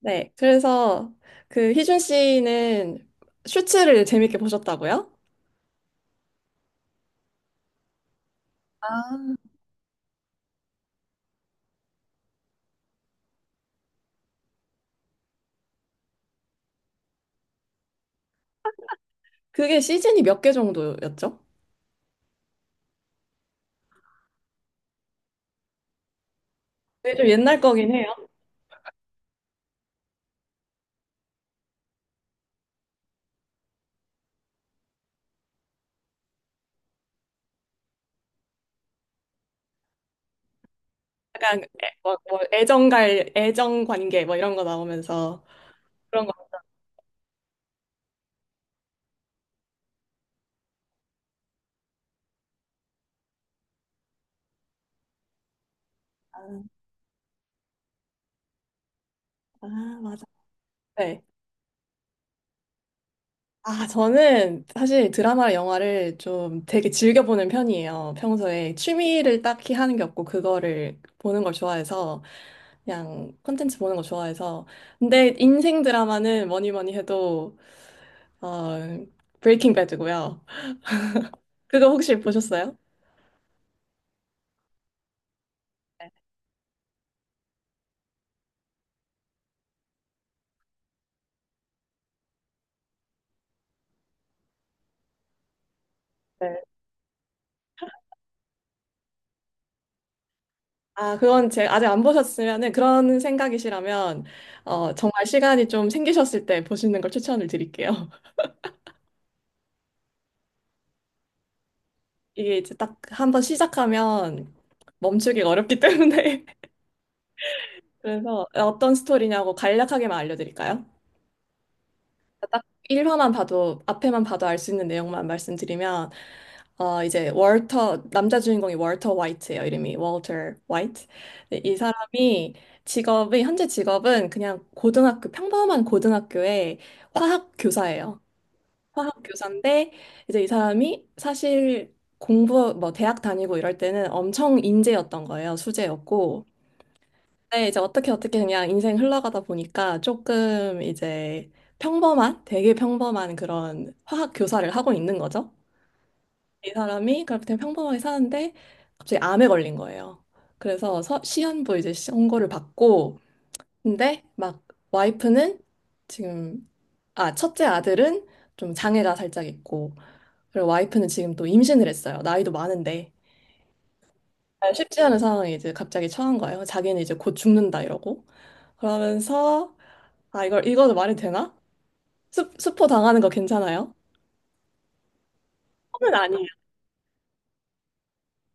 네. 그래서 그 희준 씨는 슈츠를 재밌게 보셨다고요? 아, 그게 시즌이 몇 개 정도였죠? 그게 좀 옛날 거긴 해요. 약간 뭐 애정관계 뭐 이런 거 나오면서 그런 거. 아, 아, 맞아. 네. 아, 저는 사실 드라마나 영화를 좀 되게 즐겨보는 편이에요. 평소에 취미를 딱히 하는 게 없고, 그거를 보는 걸 좋아해서, 그냥 콘텐츠 보는 거 좋아해서. 근데 인생 드라마는 뭐니 뭐니 해도, 어, 브레이킹 배드고요. 그거 혹시 보셨어요? 네. 아, 그건 제 아직 안 보셨으면은 그런 생각이시라면, 정말 시간이 좀 생기셨을 때 보시는 걸 추천을 드릴게요. 이게 이제 딱 한번 시작하면 멈추기가 어렵기 때문에. 그래서 어떤 스토리냐고 간략하게만 알려드릴까요? 딱 1화만 봐도 앞에만 봐도 알 수 있는 내용만 말씀드리면 이제 월터 남자 주인공이 월터 화이트예요. 이름이 월터 화이트. 근데 이 사람이 직업이 현재 직업은 그냥 고등학교 평범한 고등학교의 화학 교사예요. 화학 교사인데 이제 이 사람이 사실 공부 뭐 대학 다니고 이럴 때는 엄청 인재였던 거예요. 수재였고 네, 이제 어떻게 어떻게 그냥 인생 흘러가다 보니까 조금 이제 평범한, 되게 평범한 그런 화학 교사를 하고 있는 거죠. 이 사람이 그렇게 되게 평범하게 사는데 갑자기 암에 걸린 거예요. 그래서 시한부 이제 선고를 받고 근데 막 와이프는 지금 아 첫째 아들은 좀 장애가 살짝 있고 그리고 와이프는 지금 또 임신을 했어요. 나이도 많은데 아, 쉽지 않은 상황에 이제 갑자기 처한 거예요. 자기는 이제 곧 죽는다 이러고 그러면서 아, 이걸 읽어도 말이 되나? 스포 당하는 거 괜찮아요? 처음은 아니에요.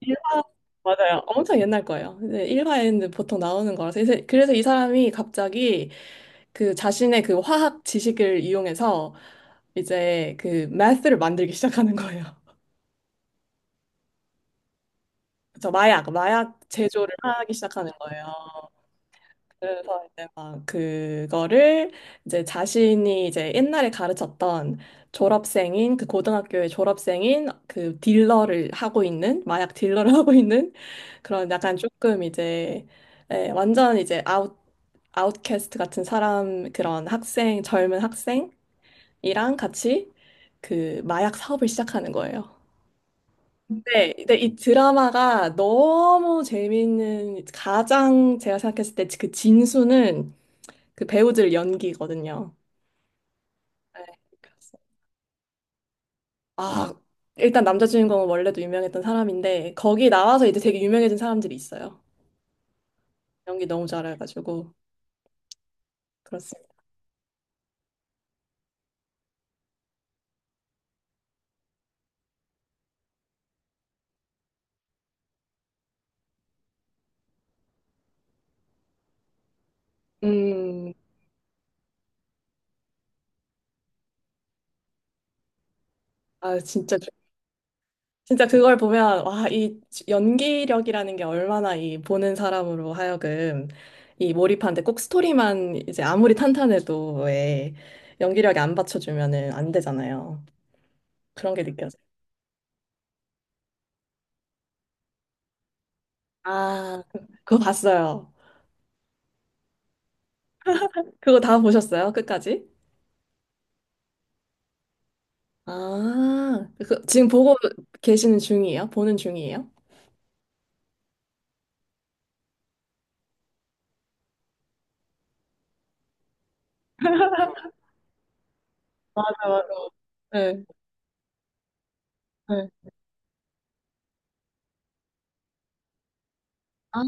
일화 맞아요. 엄청 옛날 거예요. 근데 1화에는 보통 나오는 거라서. 그래서 이 사람이 갑자기 그 자신의 그 화학 지식을 이용해서 이제 그 매스를 만들기 시작하는 거예요. 저 마약 제조를 하기 시작하는 거예요. 그래서 이제 막 그거를 이제 자신이 이제 옛날에 가르쳤던 졸업생인 그 고등학교의 졸업생인 그 딜러를 하고 있는 마약 딜러를 하고 있는 그런 약간 조금 이제 예, 완전 이제 아웃캐스트 같은 사람 그런 학생 젊은 학생이랑 같이 그 마약 사업을 시작하는 거예요. 네, 근데 이 드라마가 너무 재미있는 가장 제가 생각했을 때 그 진수는 그 배우들 연기거든요. 네, 그래서 아, 일단 남자 주인공은 원래도 유명했던 사람인데 거기 나와서 이제 되게 유명해진 사람들이 있어요. 연기 너무 잘해가지고 그렇습니다. 아, 진짜 그걸 보면 와, 이 연기력이라는 게 얼마나 이 보는 사람으로 하여금 이 몰입하는데 꼭 스토리만 이제 아무리 탄탄해도 왜 연기력이 안 받쳐주면은 안 되잖아요. 그런 게 느껴져요. 아, 그거 봤어요. 그거 다 보셨어요? 끝까지? 아, 그, 지금 보고 계시는 중이에요? 보는 중이에요? 맞아, 맞아. 네, 네. 아,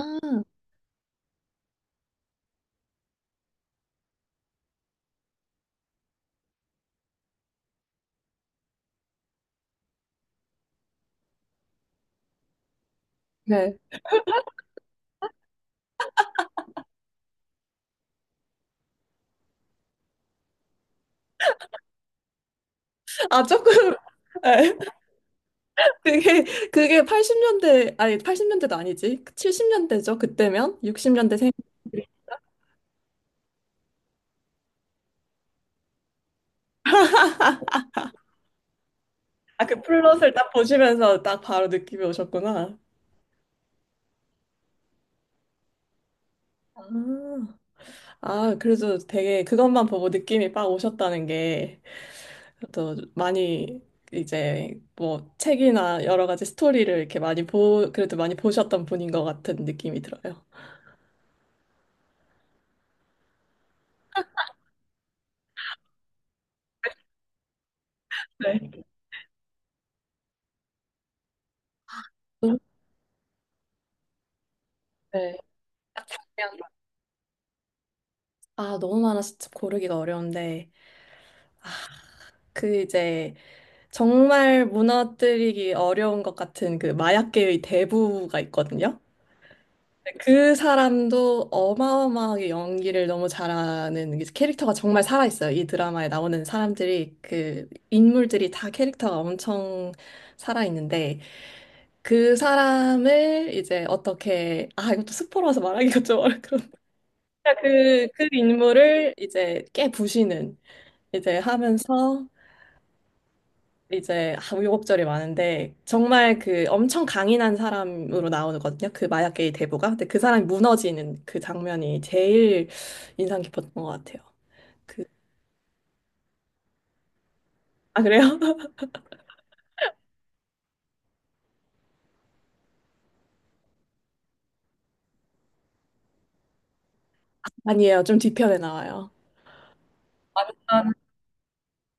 네. 아, 조금, 네. 그게, 그게 80년대, 아니, 80년대도 아니지. 70년대죠? 그때면? 60년대 생 아, 그 플롯을 딱 보시면서 딱 바로 느낌이 오셨구나. 아, 아, 그래도 되게 그것만 보고 느낌이 빡 오셨다는 게 또 많이 이제 뭐 책이나 여러 가지 스토리를 이렇게 많이 보, 그래도 많이 보셨던 분인 것 같은 느낌이 들어요. 네. 너무- 네. 딱 장면. 아, 너무 많아서 참 고르기가 어려운데, 그 이제 정말 무너뜨리기 어려운 것 같은 그 마약계의 대부가 있거든요. 그 사람도 어마어마하게 연기를 너무 잘하는 게 캐릭터가 정말 살아있어요. 이 드라마에 나오는 사람들이 그 인물들이 다 캐릭터가 엄청 살아있는데 그 사람을 이제 어떻게 아 이것도 스포라서 말하기가 좀 어렵고 그그 그 그 인물을 이제 깨부시는 이제 하면서 이제 우여곡절이 많은데 정말 그 엄청 강인한 사람으로 나오거든요. 그 마약계의 대부가. 근데 그 사람이 무너지는 그 장면이 제일 인상 깊었던 것 같아요. 그, 아 그래요? 아니에요. 좀 뒤편에 나와요. 아,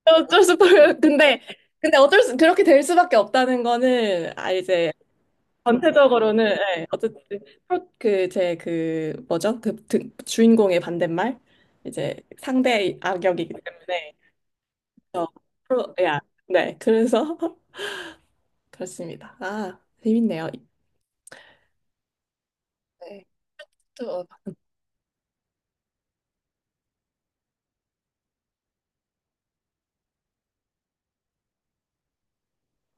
어쩔 수없 근데 근데 어쩔 수 그렇게 될 수밖에 없다는 거는 아 이제 전체적으로는 예, 어쨌든 그제 그 뭐죠? 그 주인공의 반대말 이제 상대 악역이기 때문에 어, 프로, 야, 네, 그래서 그렇습니다. 아, 재밌네요. 네. 또,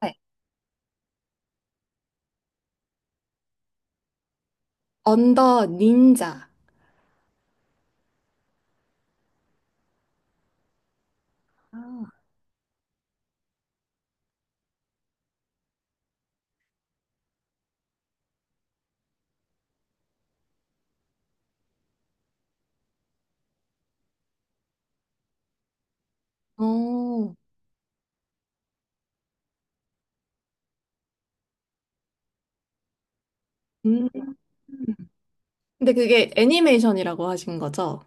네. 언더 닌자. 아, 어. 음, 근데 그게 애니메이션이라고 하신 거죠?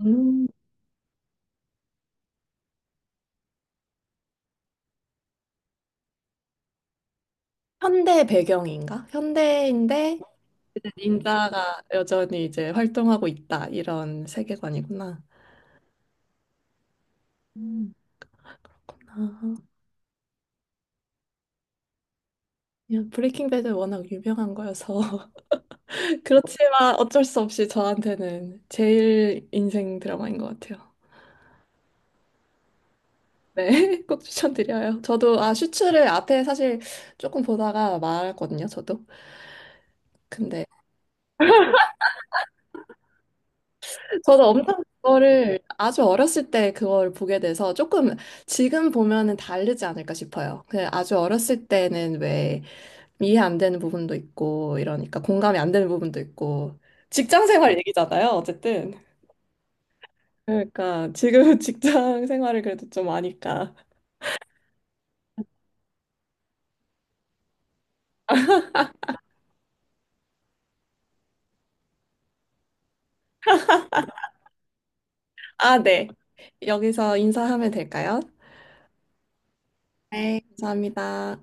음. 현대 배경인가? 현대인데 이제 닌자가 여전히 이제 활동하고 있다 이런 세계관이구나. 음. 아, 그냥 브레이킹 배드 워낙 유명한 거여서 그렇지만 어쩔 수 없이 저한테는 제일 인생 드라마인 것 같아요. 네, 꼭 추천드려요. 저도 아 슈츠를 앞에 사실 조금 보다가 말았거든요, 저도. 근데 저도 엄청 그거를 아주 어렸을 때 그걸 보게 돼서 조금 지금 보면은 다르지 않을까 싶어요. 그 아주 어렸을 때는 왜 이해 안 되는 부분도 있고 이러니까 공감이 안 되는 부분도 있고 직장 생활 얘기잖아요, 어쨌든. 그러니까 지금 직장 생활을 그래도 좀 아니까. 아, 네. 여기서 인사하면 될까요? 네, 감사합니다.